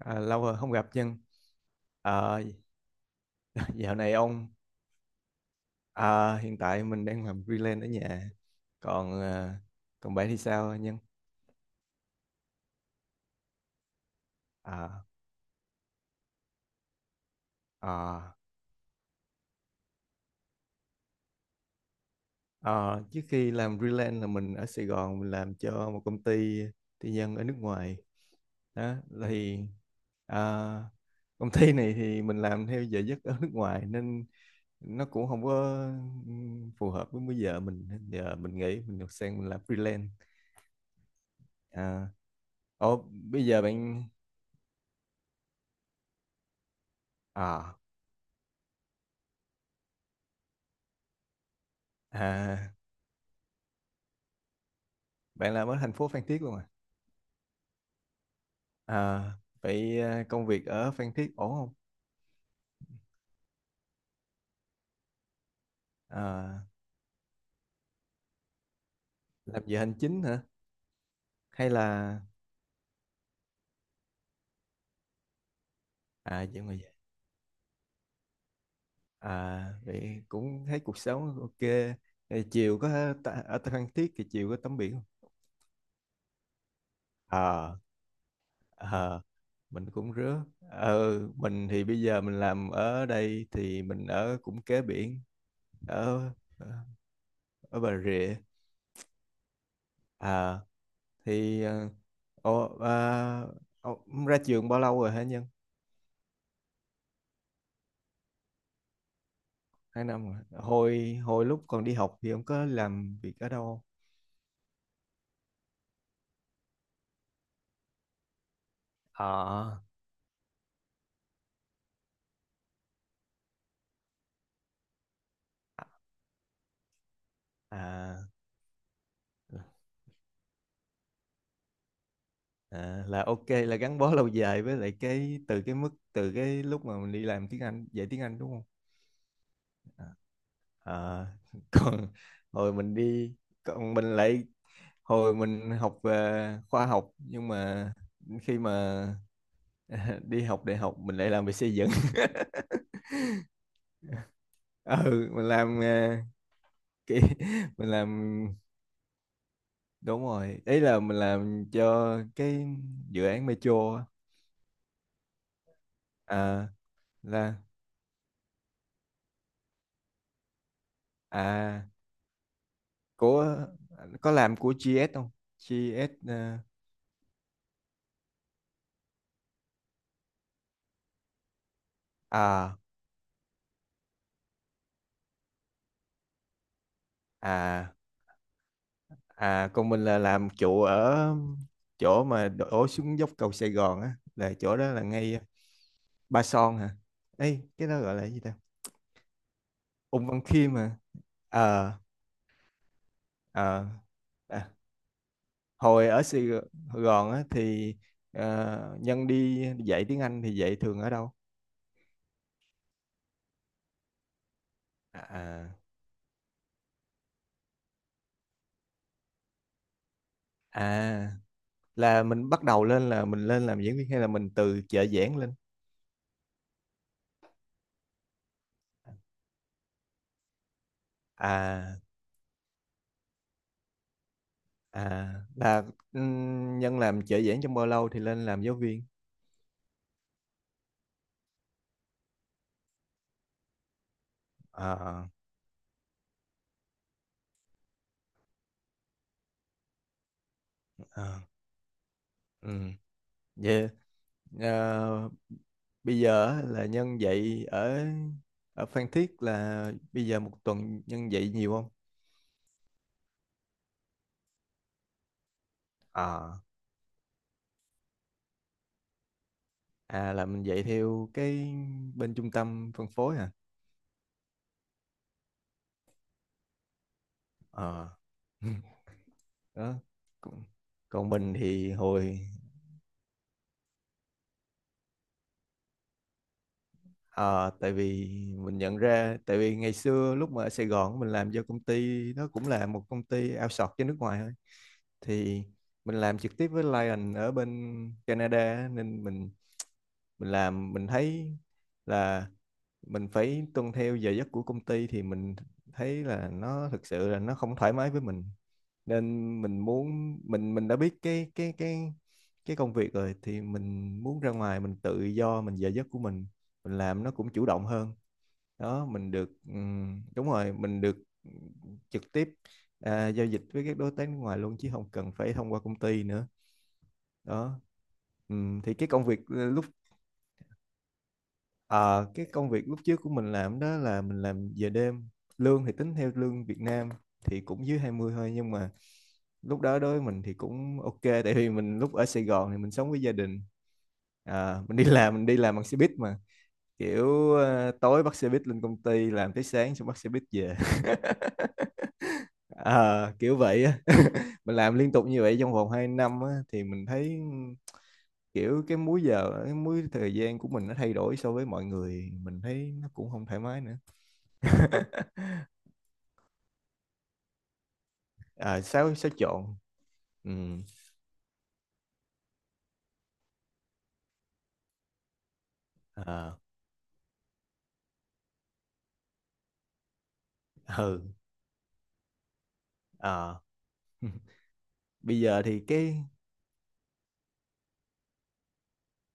À, lâu rồi không gặp Nhân. Ờ, dạo này ông à, hiện tại mình đang làm freelance ở nhà. Còn à, còn bạn thì sao Nhân? À, à, Trước khi làm freelance là mình ở Sài Gòn mình làm cho một công ty tư nhân ở nước ngoài. Đó thì à, Công ty này thì mình làm theo giờ giấc ở nước ngoài nên nó cũng không có phù hợp với múi giờ mình, giờ mình nghĩ mình được sang mình làm freelance. À, Ủa, Bây giờ bạn à, à bạn làm ở thành phố Phan Thiết luôn à? À, Vậy à, công việc ở Phan Thiết ổn không? À, làm giờ hành chính hả? Hay là à vậy mà vậy. À vậy cũng thấy cuộc sống ok. Thì chiều ở Phan Thiết thì chiều có tắm biển không? À, à mình cũng rứa. Ờ, mình thì bây giờ mình làm ở đây thì mình ở cũng kế biển, ở ờ, ở Bà Rịa. À thì ờ, ồ, à, ồ, Ông ra trường bao lâu rồi hả Nhân? Hai năm rồi. Hồi hồi lúc còn đi học thì ông có làm việc ở đâu không? Ờ, à, là ok, là gắn bó lâu dài với lại cái từ cái mức từ cái lúc mà mình đi làm tiếng Anh dạy tiếng Anh đúng không. Ờ, còn hồi mình đi còn mình lại Hồi mình học về khoa học nhưng mà khi mà đi học đại học mình lại làm về xây dựng. Ừ mình làm, ờ, cái mình làm, đúng rồi, ý là mình làm cho cái dự án metro á. À là à Của có làm của GS không? GS? ờ, à à À, còn mình là làm trụ ở chỗ mà đổ xuống dốc cầu Sài Gòn á, là chỗ đó là ngay Ba Son hả? Ấy, cái đó gọi là cái gì ta? Ung Văn Khiêm mà. Ờ. ờ. à, Hồi ở Sài Gòn á thì, ờ, Nhân đi dạy tiếng Anh thì dạy thường ở đâu? À, à, à, là mình bắt đầu lên là mình lên làm giảng viên hay là mình từ trợ giảng lên? À, là Nhân làm trợ giảng trong bao lâu thì lên làm giáo viên? à à ừ Vậy à, bây giờ á, là nhân dạy ở ở Phan Thiết là bây giờ một tuần nhân dạy nhiều không? à là mình dạy theo cái bên trung tâm phân phối à. ờ đó còn, còn mình thì hồi à, Tại vì mình nhận ra, tại vì ngày xưa lúc mà ở Sài Gòn mình làm cho công ty nó cũng là một công ty outsource cho nước ngoài thôi. Thì mình làm trực tiếp với Lion ở bên Canada á, nên mình làm mình thấy là mình phải tuân theo giờ giấc của công ty thì mình thấy là nó thực sự là nó không thoải mái với mình, nên mình muốn mình đã biết cái công việc rồi thì mình muốn ra ngoài mình tự do mình giờ giấc của mình làm nó cũng chủ động hơn. Đó mình được đúng rồi mình được trực tiếp, à, giao dịch với các đối tác nước ngoài luôn chứ không cần phải thông qua công ty nữa. Đó. Thì cái công việc ờ, lúc, ờ, cái công việc lúc trước của mình làm đó là mình làm giờ đêm, lương thì tính theo lương Việt Nam thì cũng dưới 20 thôi nhưng mà lúc đó đối với mình thì cũng ok, tại vì mình lúc ở Sài Gòn thì mình sống với gia đình. À, mình đi làm, mình đi làm bằng xe buýt mà kiểu ờ, tối bắt xe buýt lên công ty làm tới sáng xong bắt xe buýt về. Ờ, kiểu vậy á. Mình làm liên tục như vậy trong vòng 2 năm á, thì mình thấy kiểu cái múi giờ cái múi thời gian của mình nó thay đổi so với mọi người, mình thấy nó cũng không thoải mái nữa. À, xáo xáo trộn. ừ à, ừ à. Bây giờ thì cái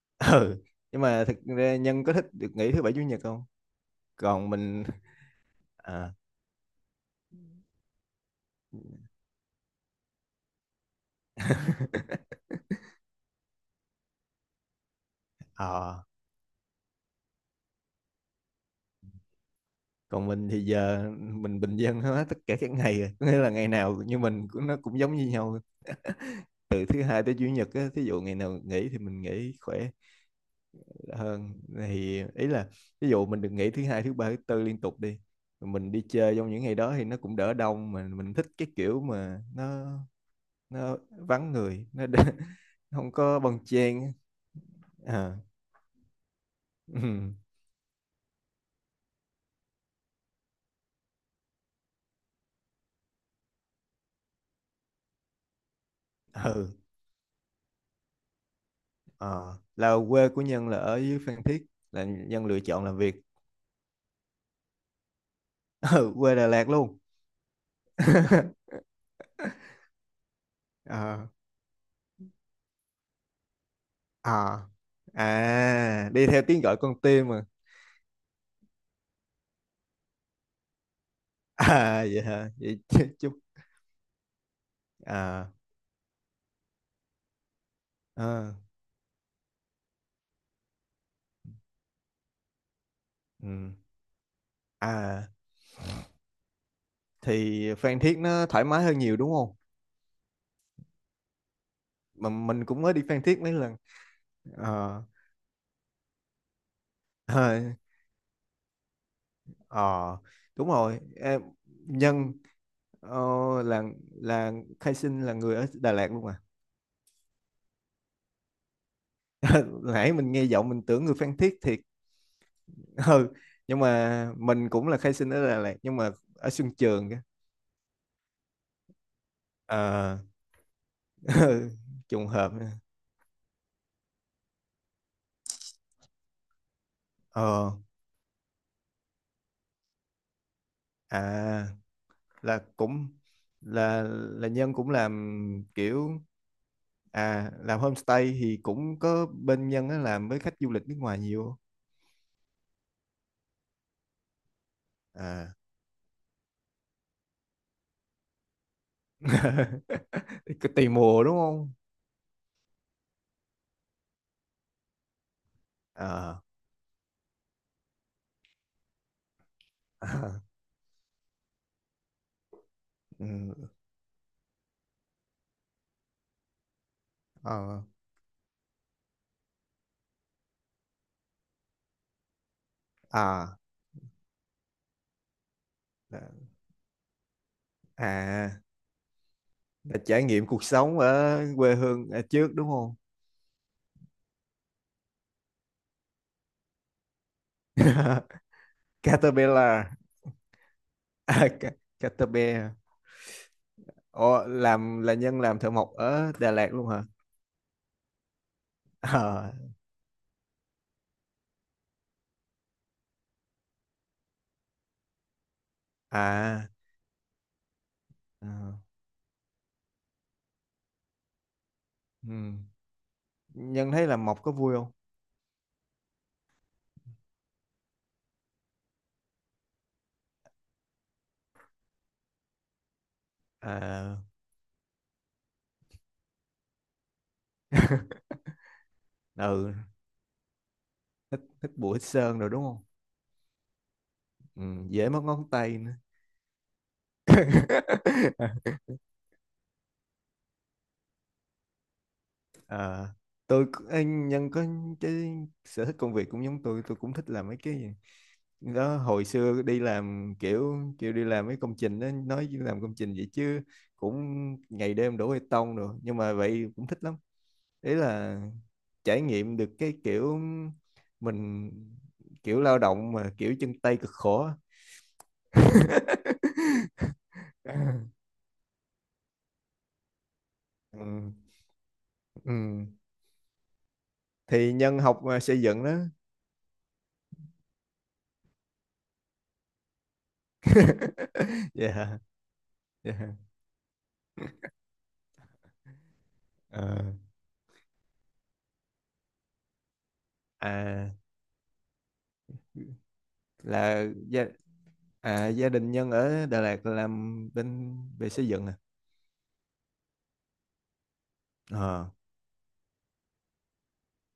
ừ nhưng mà thực ra Nhân có thích được nghỉ thứ bảy chủ nhật không? còn mình à, ờ, Còn mình thì giờ mình bình dân hết tất cả các ngày rồi. Có nghĩa là ngày nào như mình cũng nó cũng giống như nhau, từ thứ hai tới chủ nhật á, thí dụ ngày nào nghỉ thì mình nghỉ khỏe hơn, thì ý là ví dụ mình được nghỉ thứ hai thứ ba thứ tư liên tục đi, mình đi chơi trong những ngày đó thì nó cũng đỡ đông, mà mình thích cái kiểu mà nó vắng người nó không có bon chen. à, ừ, ừ ờ, là quê của Nhân là ở dưới Phan Thiết, là Nhân lựa chọn làm việc. Ừ, quê Đà Lạt luôn. à à, À đi theo tiếng gọi con tim mà. À vậy hả, vậy chúc. à, à, ừ. À thì Phan Thiết nó thoải mái hơn nhiều đúng không. Mà mình cũng mới đi Phan Thiết mấy lần. ờ à ờ, đúng rồi em, Nhân. Ồ, là Khai Sinh là người ở Đà Lạt luôn à? Nãy mình nghe giọng mình tưởng người Phan Thiết thiệt. Ừ, nhưng mà mình cũng là Khai Sinh ở Đà Lạt nhưng mà ở Xuân Trường kìa. Ờ, trùng hợp. Ờ. à là cũng là Nhân cũng làm kiểu, à làm homestay thì cũng có bên Nhân á làm với khách du lịch nước ngoài nhiều không? À. Cứ tùy mùa đúng không? Ờ. Ừ. Ờ. à là- à là trải nghiệm cuộc sống ở quê hương ở trước đúng không. Caterpillar. Caterpillar. Ồ, làm là nhân làm thợ mộc ở Đà Lạt luôn hả. Ờ, à, ờ, ừ. Nhân thấy làm mộc có vui không? à ừ Thích bụi thích sơn rồi đúng không. Ừ, dễ mất ngón tay nữa. Ờ, ê, nhân có cái sở thích công việc cũng giống tôi cũng thích làm mấy cái đó. Hồi xưa đi làm kiểu kiểu đi làm mấy công trình đó, nói chứ làm công trình vậy chứ cũng ngày đêm đổ bê tông rồi nhưng mà vậy cũng thích lắm, ý là trải nghiệm được cái kiểu mình kiểu lao động mà kiểu chân tay cực khổ á. ừ. Ừ. Thì nhân học à, xây dựng đó. Dạ. Dạ. Ờ. À là gia, à, gia đình Nhân ở Đà Lạt làm bên về xây dựng à. Ờ,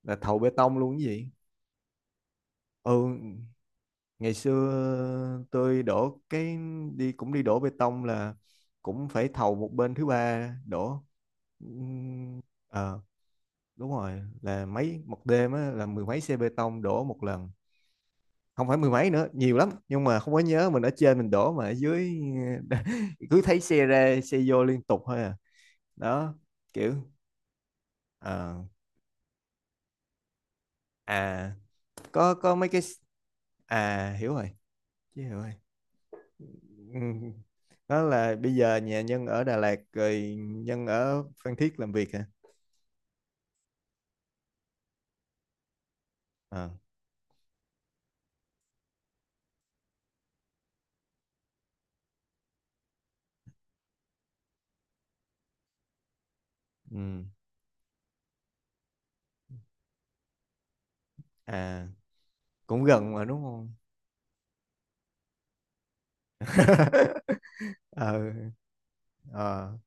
là thầu bê tông luôn cái gì. Ừ, ngày xưa tôi đổ cái, đi cũng đi đổ bê tông là cũng phải thầu một bên thứ ba đổ. Ừm, ờ đúng rồi, là mấy một đêm á, là mười mấy xe bê tông đổ một lần, không phải mười mấy nữa nhiều lắm nhưng mà không có nhớ mình ở trên mình đổ mà ở dưới cứ thấy xe ra xe vô liên tục thôi à. Đó kiểu ờ à, có mấy cái, à hiểu rồi, chứ hiểu rồi. Ừ. Đó là bây giờ nhà Nhân ở Đà Lạt rồi Nhân ở Phan Thiết làm việc hả. Ờ, ừ. À cũng gần mà đúng không. ờ ờ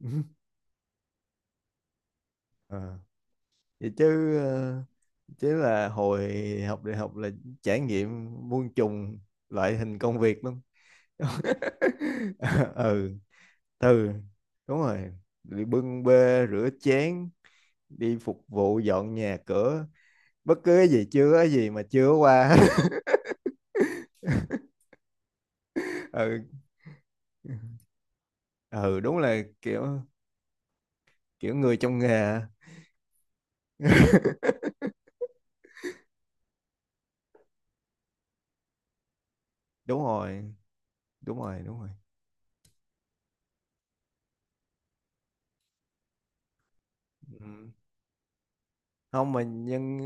ờ vậy chứ ờ, chứ là hồi học đại học là trải nghiệm muôn trùng loại hình công việc lắm. ừ ừ đúng rồi, đi bưng bê rửa chén, đi phục vụ dọn nhà cửa, bất cứ cái gì chưa có gì mà chưa qua. ừ ừ đúng là kiểu, kiểu người trong nghề. Đúng rồi đúng rồi đúng rồi. Ừ. Không mà nhân,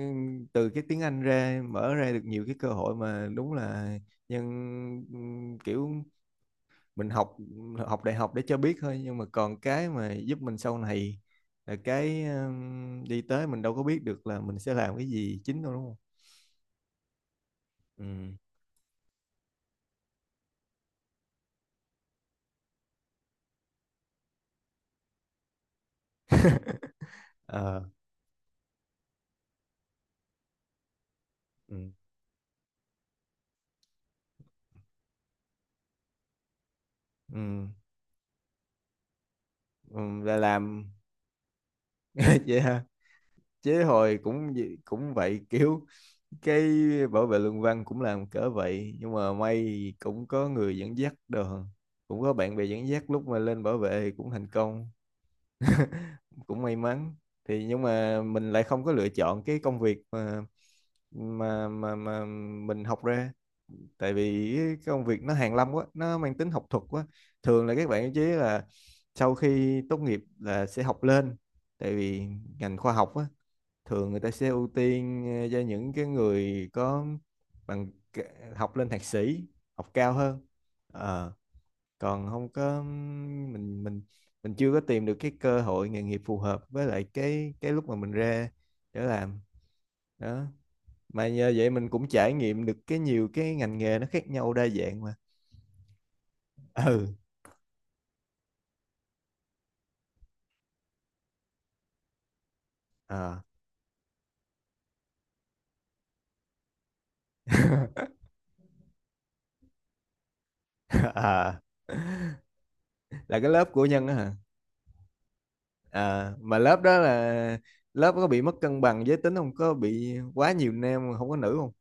từ cái tiếng Anh ra mở ra được nhiều cái cơ hội mà đúng là nhân, kiểu mình học, học đại học để cho biết thôi nhưng mà còn cái mà giúp mình sau này là cái đi tới mình đâu có biết được là mình sẽ làm cái gì chính đâu đúng không. Ừ ờ ừ ừ. Là làm vậy ha. Chứ hồi cũng vậy kiểu cái bảo vệ luận văn cũng làm cỡ vậy nhưng mà may cũng có người dẫn dắt đồ, cũng có bạn bè dẫn dắt lúc mà lên bảo vệ thì cũng thành công, cũng may mắn. Thì nhưng mà mình lại không có lựa chọn cái công việc mà mà mình học ra, tại vì cái công việc nó hàn lâm quá nó mang tính học thuật quá, thường là các bạn chế là sau khi tốt nghiệp là sẽ học lên, tại vì ngành khoa học á thường người ta sẽ ưu tiên ờ, cho những cái người có bằng học lên thạc sĩ, học cao hơn. Ờ, còn không có mình mình mình chưa có tìm được cái cơ hội nghề nghiệp phù hợp với lại cái lúc mà mình ra để làm. Đó mà nhờ vậy mình cũng trải nghiệm được cái nhiều cái ngành nghề nó khác nhau đa dạng mà. Ừ à. À là cái lớp của Nhân á hả. À mà lớp đó là lớp có bị mất cân bằng giới tính không, có bị quá nhiều nam không có nữ không.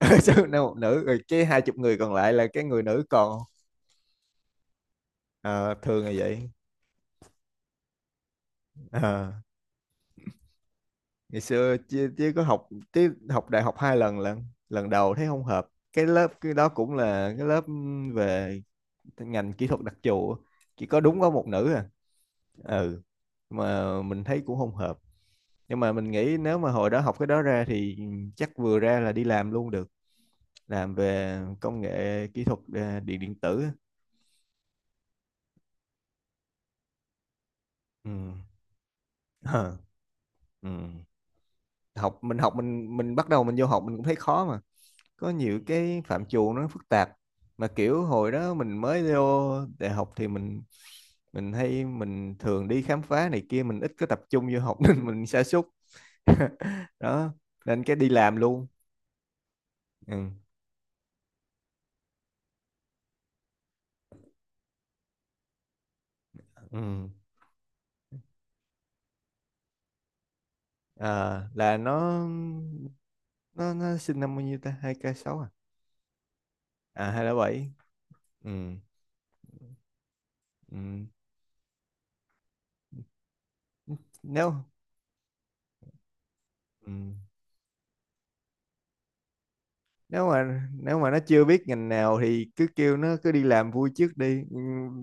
Sao nam một nữ rồi cái hai chục người còn lại là cái người nữ còn không? Ờ, thường là vậy. Ờ, ngày xưa chứ, chứ có học, chứ học đại học hai lần, lần lần đầu thấy không hợp, cái lớp cái đó cũng là cái lớp về ngành kỹ thuật đặc trù á, chỉ có đúng có một nữ à. Ừ. Mà mình thấy cũng không hợp, nhưng mà mình nghĩ nếu mà hồi đó học cái đó ra thì chắc vừa ra là đi làm luôn được, làm về công nghệ kỹ thuật ờ, điện điện tử. Ừ. Ờ, ừ. Học mình học mình bắt đầu mình vô học mình cũng thấy khó mà, có nhiều cái phạm trù nó phức tạp, mà kiểu hồi đó mình mới vô đại học thì mình hay mình thường đi khám phá này kia mình ít có tập trung vô học nên mình sa sút. Đó nên cái đi làm luôn. Ừ. Ừ. À, là nó nó sinh năm bao nhiêu ta, hai k sáu à à 207. Ừ. Ừ. nếu ừ. Nếu mà nếu mà nó chưa biết ngành nào thì cứ kêu nó cứ đi làm vui trước đi. Ừ,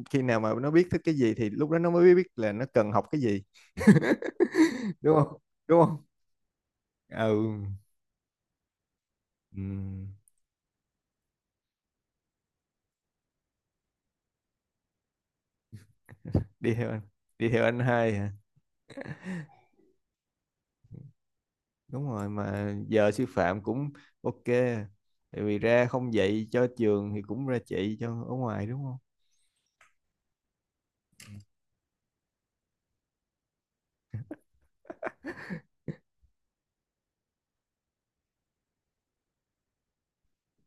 khi nào mà nó biết thích cái gì thì lúc đó nó mới biết là nó cần học cái gì, đúng không, đúng không. Ừ. Ừ. Đi theo anh, đi theo anh hai hả. Đúng rồi mà giờ sư phạm cũng ok, tại vì ra không dạy cho trường thì cũng ra dạy cho ở ngoài đúng không.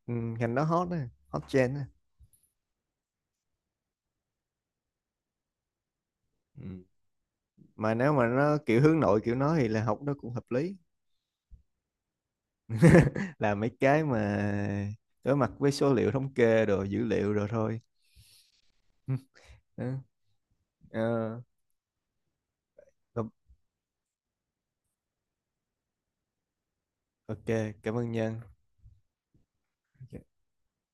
Ừ, ngành đó hot á, hot trend á. Ừ. Mà nếu mà nó kiểu hướng nội kiểu nó thì là học nó cũng hợp lý. Là mấy cái mà đối mặt với số liệu thống kê đồ dữ liệu rồi thôi. Ừ. Ờ, ok, cảm ơn Nhân.